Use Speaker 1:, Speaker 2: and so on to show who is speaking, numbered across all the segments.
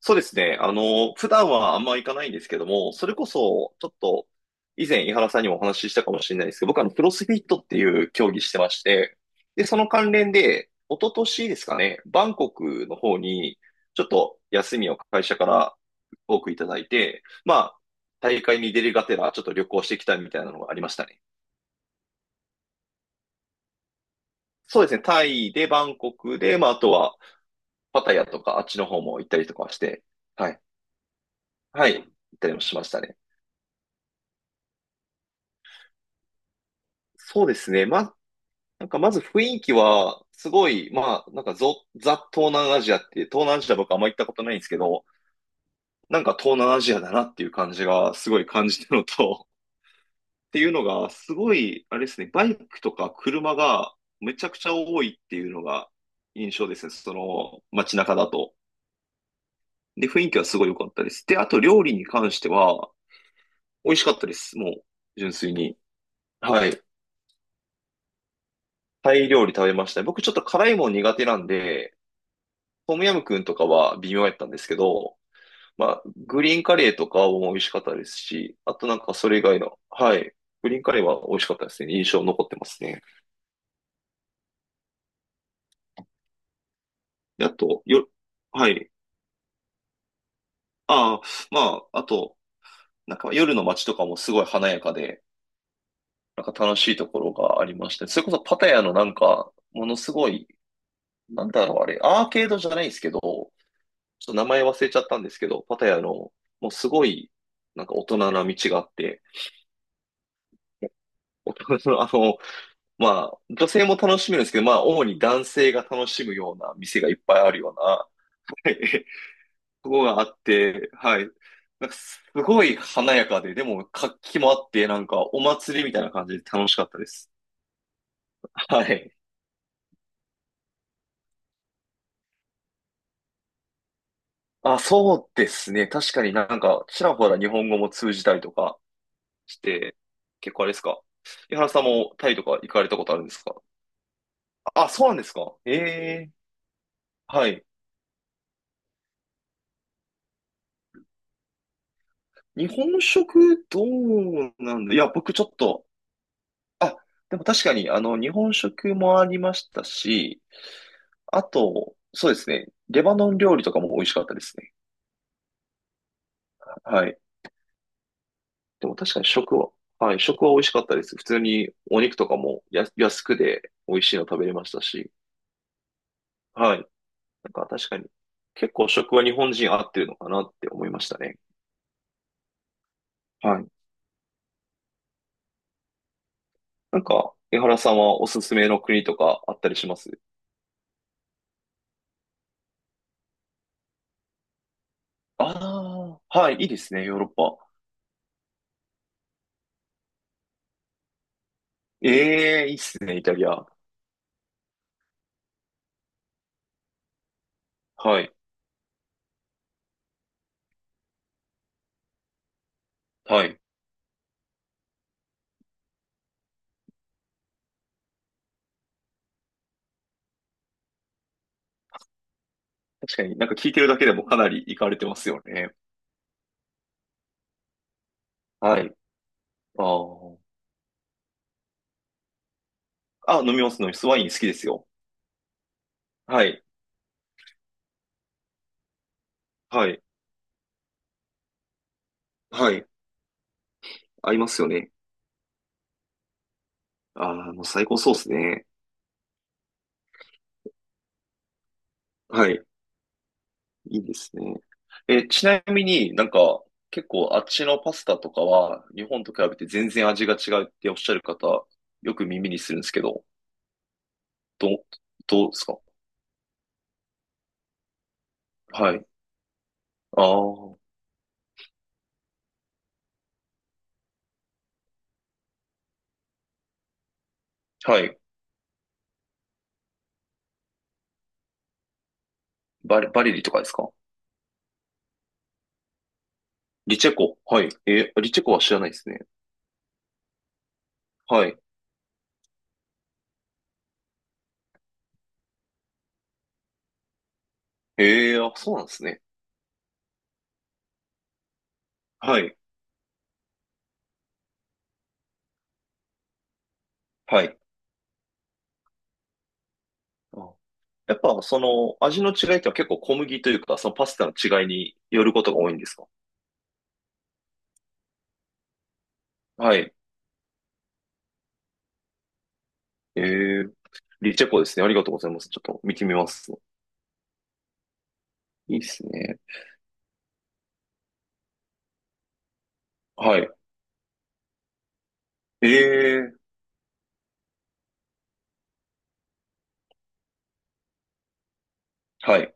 Speaker 1: そうですね。普段はあんま行かないんですけども、それこそ、ちょっと、以前、井原さんにもお話ししたかもしれないですけど、僕はクロスフィットっていう競技してまして、で、その関連で、一昨年ですかね、バンコクの方に、ちょっと休みを会社から多くいただいて、まあ、大会に出るがてら、ちょっと旅行してきたみたいなのがありましたね。そうですね。タイで、バンコクで、まあ、あとは、パタヤとか、あっちの方も行ったりとかして、はい。はい。行ったりもしましたね。そうですね。なんかまず雰囲気は、すごい、まあ、なんかザ・東南アジアっていう、東南アジア僕あんま行ったことないんですけど、なんか東南アジアだなっていう感じがすごい感じたのと、っていうのが、すごい、あれですね、バイクとか車がめちゃくちゃ多いっていうのが印象ですね、その街中だと。で、雰囲気はすごい良かったです。で、あと料理に関しては、美味しかったです、もう、純粋に。はい。タイ料理食べました。僕ちょっと辛いもん苦手なんで、トムヤムクンとかは微妙やったんですけど、まあ、グリーンカレーとかも美味しかったですし、あとなんかそれ以外の、はい。グリーンカレーは美味しかったですね。印象残ってますね。であと、よ、はい。ああ、まあ、あと、なんか夜の街とかもすごい華やかで、なんか楽しいところがありまして、それこそパタヤのなんか、ものすごい、なんだろうあれ、アーケードじゃないですけど、ちょっと名前忘れちゃったんですけど、パタヤの、もうすごい、なんか大人な道があって、大人のまあ、女性も楽しめるんですけど、まあ、主に男性が楽しむような店がいっぱいあるような、はいとこがあって、はい。なんか、すごい華やかで、でも、活気もあって、なんか、お祭りみたいな感じで楽しかったです。はい。あ、そうですね。確かになんか、ちらほら日本語も通じたりとかして、結構あれですか。井原さんもタイとか行かれたことあるんですか？あ、そうなんですか。ええはい。日本食どうなんだいや、僕ちょっとあ、でも確かに、日本食もありましたし、あと、そうですね、レバノン料理とかも美味しかったですね。はい。でも確かに食は、はい、食は美味しかったです。普通にお肉とかもや安くで美味しいの食べれましたし、はい。なんか確かに、結構食は日本人合ってるのかなって思いましたね。はい。なんか、江原さんはおすすめの国とかあったりします？ああー、はい、いいですね、ヨーロッパ。ええ、いいっすね、イタリア。はい、はい。確かになんか聞いてるだけでもかなり行かれてますよね。はい。ああ。あ、飲みます、飲みます。ワイン好きですよ。はい。はい。はい。合いますよね。ああ、もう最高そうですね。はい。いいですね。え、ちなみになんか結構あっちのパスタとかは日本と比べて全然味が違うっておっしゃる方よく耳にするんですけど、どう、どうですか？はい。ああ、はい。バレリとかですか？リチェコ。はい。え、リチェコは知らないですね。はい。ええ、あ、そうなんですね。はい。はい。あ、やっぱ、その、味の違いっては結構小麦というか、そのパスタの違いによることが多いんですか？はい。ええ、リチェコですね。ありがとうございます。ちょっと見てみます。いいですね。はい。ええ、はい。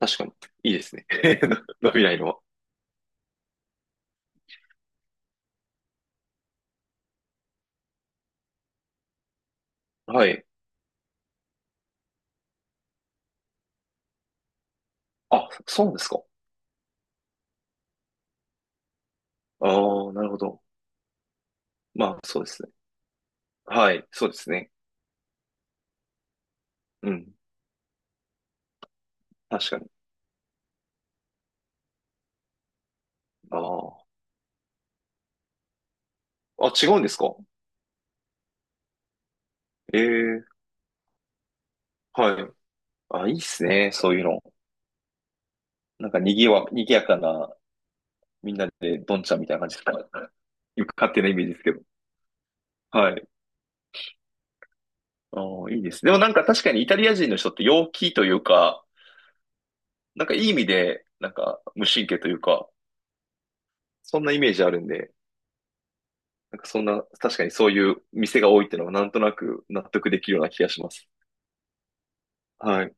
Speaker 1: 確かに。いいですね。伸びないのは。はい。あ、そうなんですか。ああ、なるほど。まあ、そうですね。はい。そうですね。うん。確かに。ああ。あ、違うんですか？ええ、はい。あ、いいっすね。そういうの。にぎやかな、みんなで、どんちゃんみたいな感じですか。よく勝手なイメージですけど。はい。あーいいですね。でもなんか確かにイタリア人の人って陽気というか、なんかいい意味で、なんか無神経というか、そんなイメージあるんで、なんかそんな、確かにそういう店が多いっていうのはなんとなく納得できるような気がします。はい。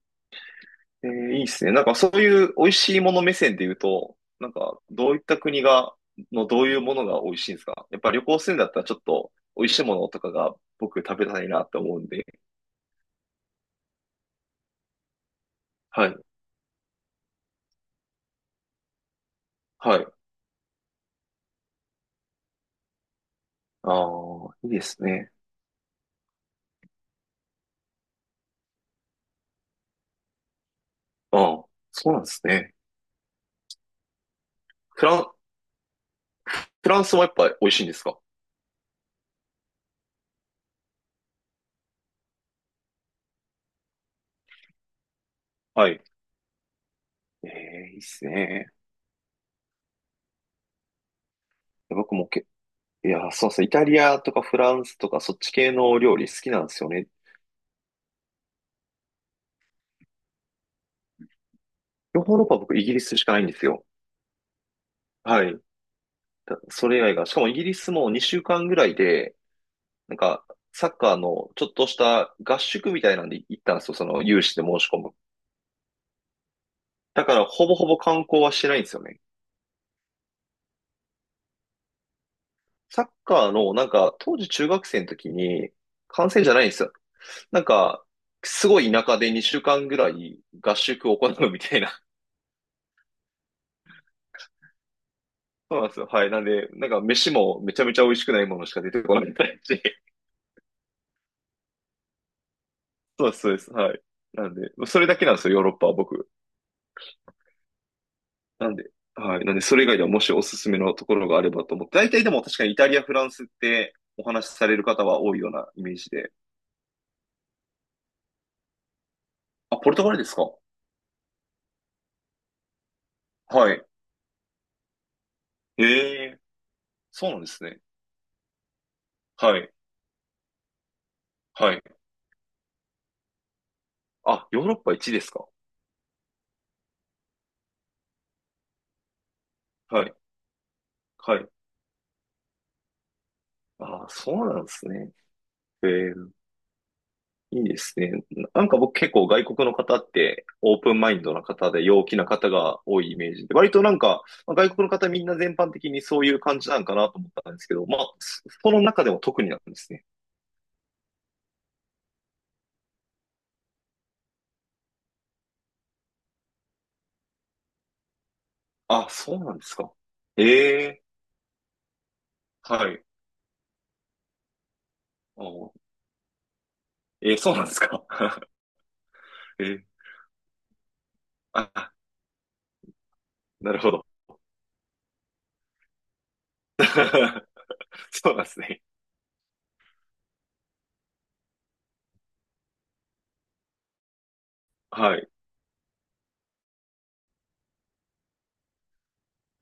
Speaker 1: えーいいっすね。なんかそういう美味しいもの目線で言うと、なんかどういった国が、のどういうものが美味しいんですか？やっぱ旅行するんだったらちょっと美味しいものとかが僕食べたいなって思うんで。はい。はい。ああ、いいですね。ああ、そうなんですね。フランスもやっぱ美味しいんですか？はい。ええ、いいっすね。僕もけ、いや、そうそう、イタリアとかフランスとかそっち系の料理好きなんですよね。ヨーロッパは僕イギリスしかないんですよ。はい。それ以外が、しかもイギリスも2週間ぐらいで、なんか、サッカーのちょっとした合宿みたいなんで行ったんですよ、その有志で申し込む。だから、ほぼほぼ観光はしてないんですよね。サッカーの、なんか、当時中学生の時に、観戦じゃないんですよ。なんか、すごい田舎で2週間ぐらい合宿を行うみたいな。そうなんですよ。はい。なんで、なんか飯もめちゃめちゃ美味しくないものしか出てこないみたいし。そうです、そうです。はい。なんで、それだけなんですよ、ヨーロッパは僕。なんで、はい。なんで、それ以外ではもしおすすめのところがあればと思って、大体でも確かにイタリア、フランスってお話しされる方は多いようなイメージで。あ、ポルトガルですか？はい。へえ、そうなんですね。はい。はい。あ、ヨーロッパ1ですか？はい。はい。あ、そうなんですね。ええ、いいですね。なんか僕結構外国の方ってオープンマインドな方で陽気な方が多いイメージで、割となんかまあ外国の方みんな全般的にそういう感じなんかなと思ったんですけど、まあ、その中でも特になんですね。あ、そうなんですか。ええはい。お、えーそうなんですか。えーあ、なるほど。そうなんですね。はい。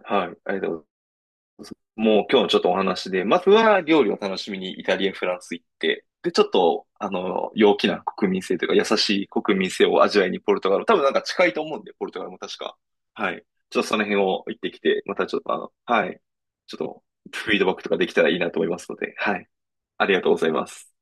Speaker 1: はい。ありがとうございます。もう今日のちょっとお話で、まずは料理を楽しみにイタリア、フランス行って、で、ちょっと、あの、陽気な国民性というか、優しい国民性を味わいにポルトガル、多分なんか近いと思うんで、ポルトガルも確か。はい。ちょっとその辺を行ってきて、またちょっとあの、はい。ちょっと、フィードバックとかできたらいいなと思いますので、はい。ありがとうございます。